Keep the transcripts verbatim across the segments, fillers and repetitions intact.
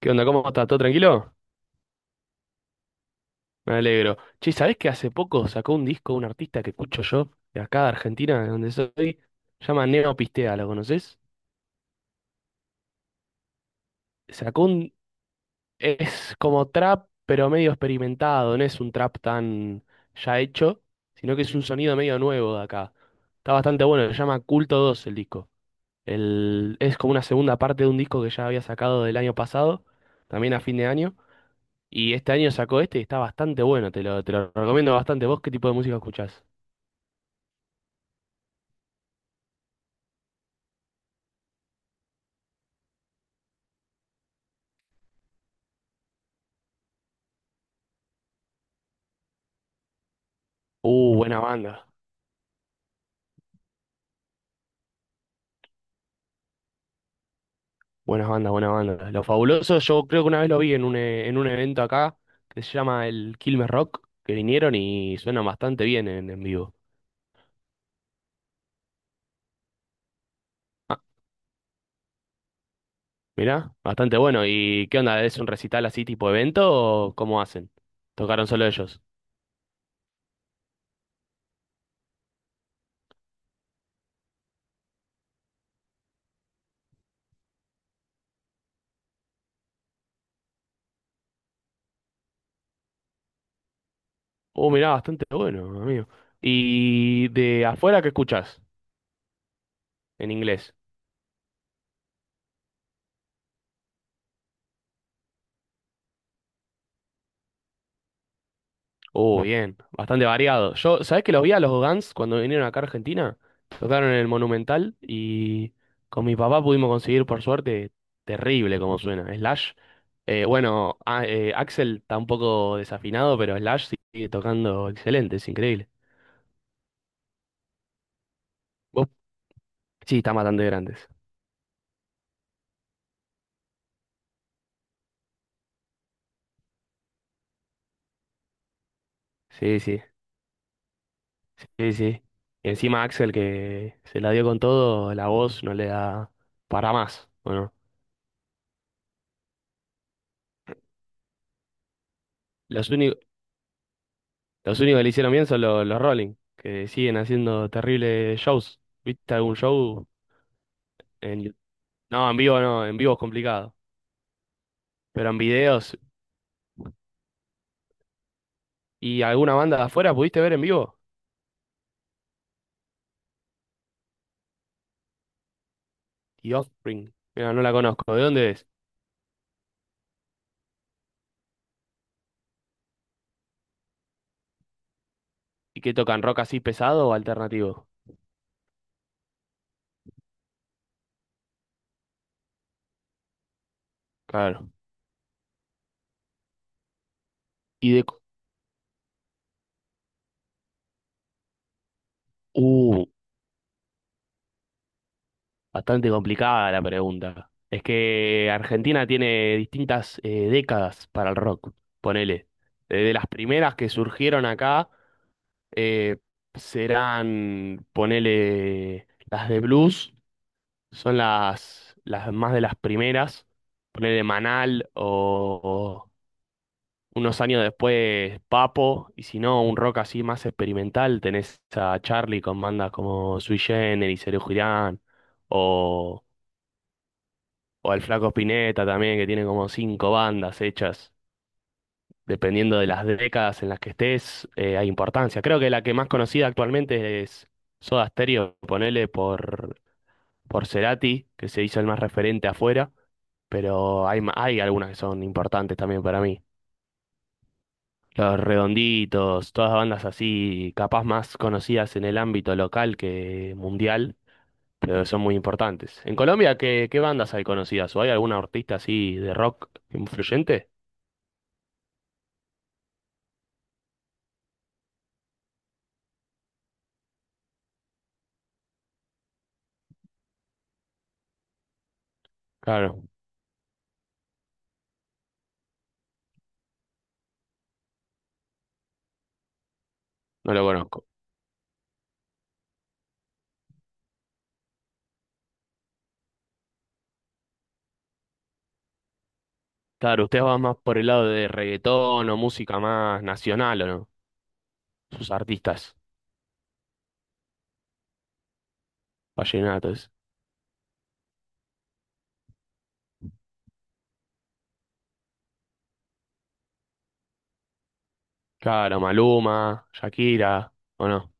¿Qué onda? ¿Cómo estás? ¿Todo tranquilo? Me alegro. Che, ¿sabés que hace poco sacó un disco un artista que escucho yo, de acá de Argentina, de donde soy? Se llama Neo Pistea, ¿lo conoces? Sacó un... Es como trap, pero medio experimentado, no es un trap tan ya hecho, sino que es un sonido medio nuevo de acá. Está bastante bueno, se llama Culto dos el disco. El... Es como una segunda parte de un disco que ya había sacado del año pasado, también a fin de año. Y este año sacó este y está bastante bueno, te lo, te lo recomiendo bastante. ¿Vos qué tipo de música escuchás? Uh, buena banda, buenas bandas, buena banda. Lo fabuloso, yo creo que una vez lo vi en un, e- en un evento acá que se llama el Quilmes Rock, que vinieron y suenan bastante bien en, en vivo. Ah, mirá, bastante bueno. ¿Y qué onda? ¿Es un recital así tipo evento o cómo hacen? ¿Tocaron solo ellos? Uh, mirá, bastante bueno, amigo. ¿Y de afuera qué escuchás en inglés? Uh, bien, bastante variado. Yo, ¿sabés que los vi a los Guns cuando vinieron acá a Argentina? Tocaron en el Monumental y con mi papá pudimos conseguir, por suerte, terrible como suena. Slash, eh, bueno, a- eh, Axel está un poco desafinado, pero Slash sigue tocando excelente, es increíble. ¿Vos? Sí, están bastante grandes. Sí, sí, sí, sí. Y encima Axel que se la dio con todo, la voz no le da para más. Bueno, los únicos Los únicos que le hicieron bien son los, los Rolling, que siguen haciendo terribles shows. ¿Viste algún show? En... Yo- No, en vivo no, en vivo es complicado. Pero en videos y alguna banda de afuera, ¿pudiste ver en vivo? The Offspring. Mira, no la conozco. ¿De dónde es? ¿Y qué tocan? ¿Rock así pesado o alternativo? Claro. Y de... co- Uh, bastante complicada la pregunta. Es que Argentina tiene distintas eh, décadas para el rock, ponele. Desde las primeras que surgieron acá eh, serán, ponele, las de blues, son las, las más de las primeras, ponele Manal o, o unos años después Papo, y si no, un rock así más experimental, tenés a Charlie con bandas como Sui Generis, Serú Girán, o, o el Flaco Spinetta también, que tiene como cinco bandas hechas. Dependiendo de las décadas en las que estés, eh, hay importancia. Creo que la que más conocida actualmente es Soda Stereo, ponele por, por Cerati, que se hizo el más referente afuera, pero hay, ma- hay algunas que son importantes también para mí. Los Redonditos, todas bandas así, capaz más conocidas en el ámbito local que mundial, pero son muy importantes. En Colombia, ¿qué, qué bandas hay conocidas? ¿O hay algún artista así de rock influyente? Claro, no lo conozco. Claro, usted va más por el lado de reggaetón o música más nacional, ¿o no? Sus artistas, vallenatos. Claro, Maluma, Shakira, ¿o no?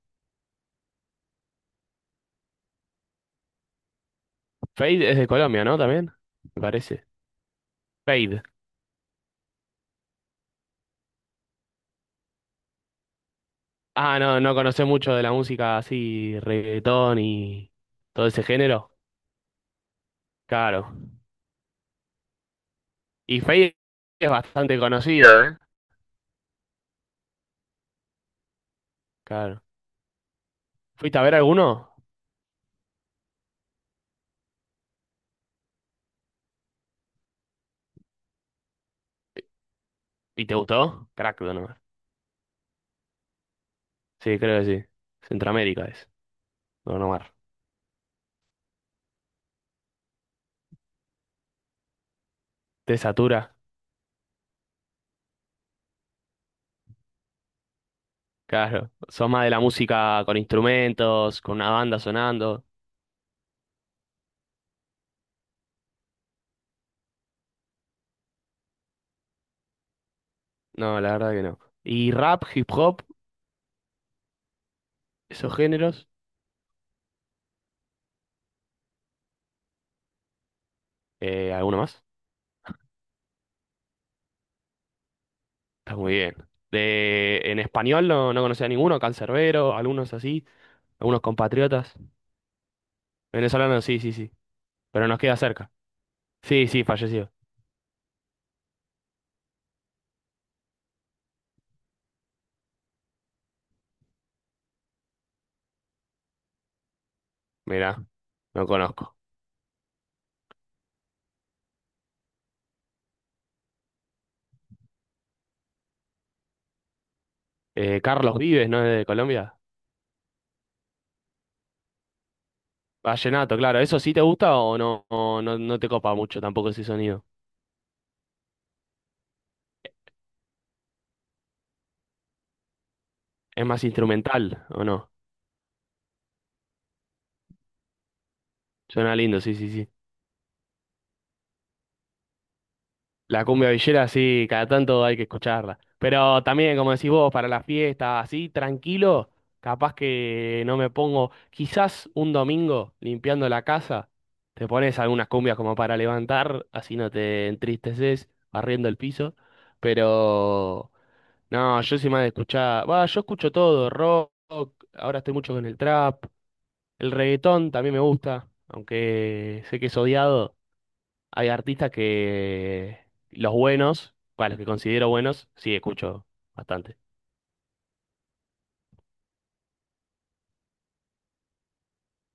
Fade es de Colombia, ¿no? También, me parece. Fade. Ah, no, no conoce mucho de la música así, reggaetón y todo ese género. Claro. Y Fade es bastante conocido, ¿eh? Claro. ¿Fuiste a ver alguno? ¿Y te gustó? Crack, Don Omar. Sí, creo que sí. Centroamérica es, Don Omar. ¿Te satura? Claro, sos más de la música con instrumentos, con una banda sonando. No, la verdad que no. ¿Y rap, hip hop, esos géneros? Eh, ¿alguno más? Está muy bien. De, en español no, no conocía a ninguno, Cancerbero, algunos así, algunos compatriotas. Venezolanos, sí, sí, sí. Pero nos queda cerca. Sí, sí, fallecido. Mirá, no conozco. Eh, Carlos Vives, ¿no? De Colombia. Vallenato, claro. ¿Eso sí te gusta o no, o no, no te copa mucho tampoco ese sonido? Es más instrumental, ¿o no? Suena lindo, sí, sí, sí. La cumbia villera, sí, cada tanto hay que escucharla. Pero también, como decís vos, para la fiesta, así, tranquilo, capaz que no me pongo, quizás un domingo limpiando la casa, te pones algunas cumbias como para levantar, así no te entristeces, barriendo el piso. Pero, no, yo soy más de escuchar, va, yo escucho todo, rock, ahora estoy mucho con el trap, el reggaetón también me gusta, aunque sé que es odiado. Hay artistas que los buenos, bueno, los que considero buenos, sí escucho bastante.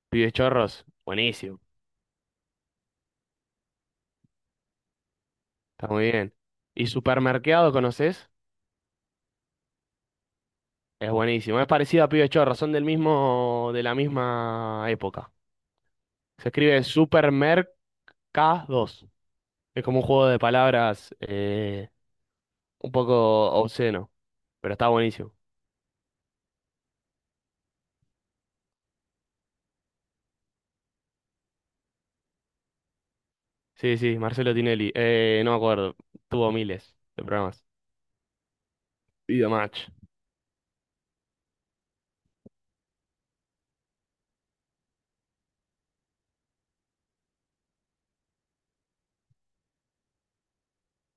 Pibes Chorros, buenísimo, está muy bien. Y Supermercado, ¿conoces? Es buenísimo, es parecido a Pibes Chorros, son del mismo, de la misma época. Se escribe Supermercados. Es como un juego de palabras eh, un poco obsceno, pero está buenísimo. Sí, sí, Marcelo Tinelli, eh, no me acuerdo, tuvo miles de programas. Video Match,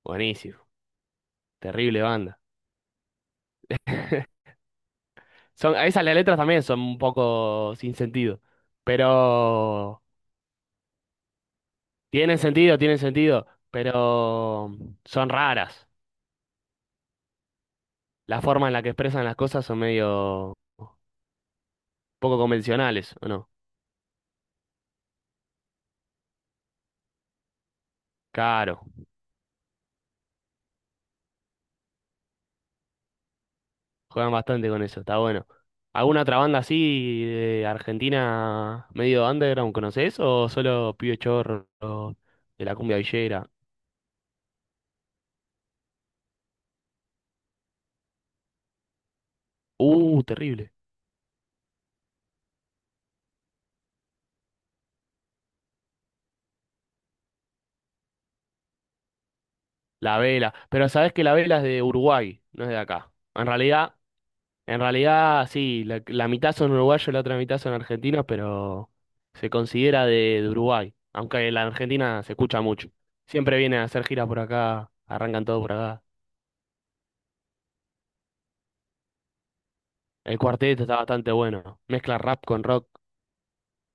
buenísimo, terrible banda. Son, a veces las letras también son un poco sin sentido, pero tienen sentido, tienen sentido, pero son raras. La forma en la que expresan las cosas son medio poco convencionales, ¿o no? Claro, juegan bastante con eso, está bueno. ¿Alguna otra banda así de Argentina medio underground conocés o solo Pío Chorro de la cumbia villera? Uh, terrible. La Vela, pero sabés que La Vela es de Uruguay, no es de acá. En realidad En realidad, sí, la, la mitad son uruguayos, la otra mitad son argentinos, pero se considera de, de Uruguay, aunque la Argentina se escucha mucho. Siempre vienen a hacer giras por acá, arrancan todo por acá. El cuarteto está bastante bueno, mezcla rap con rock.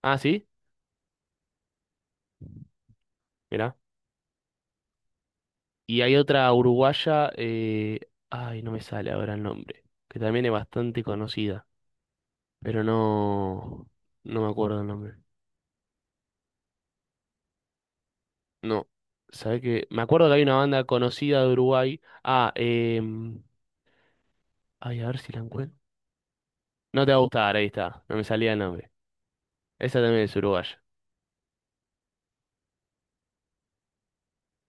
Ah, sí, mirá. Y hay otra uruguaya, eh, ay, no me sale ahora el nombre, que también es bastante conocida, pero no, no me acuerdo el nombre. No, ¿sabés qué? Me acuerdo que hay una banda conocida de Uruguay. Ah, eh... Ay, a ver si la encuentro. No te va a gustar, ahí está. No me salía el nombre. Esa también es uruguaya.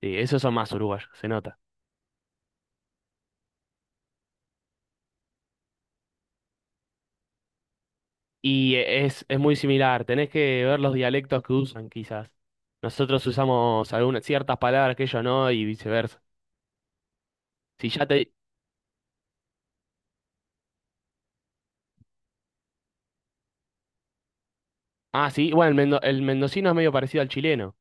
Sí, esos son más uruguayos, se nota. Y es, es muy similar. Tenés que ver los dialectos que usan, quizás. Nosotros usamos algunas ciertas palabras que ellos no y viceversa. Si ya te... Ah, sí. Bueno, el, mendo- el mendocino es medio parecido al chileno.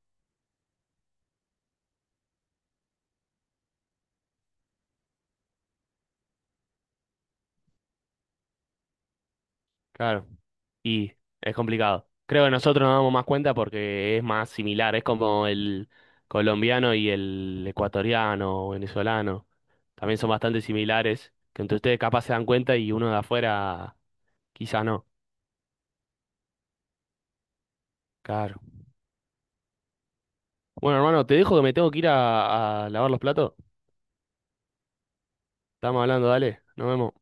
Claro. Y es complicado. Creo que nosotros nos damos más cuenta porque es más similar, es como el colombiano y el ecuatoriano o venezolano. También son bastante similares, que entre ustedes capaz se dan cuenta y uno de afuera quizás no. Claro. Bueno, hermano, te dejo que me tengo que ir a, a lavar los platos. Estamos hablando, dale. Nos vemos.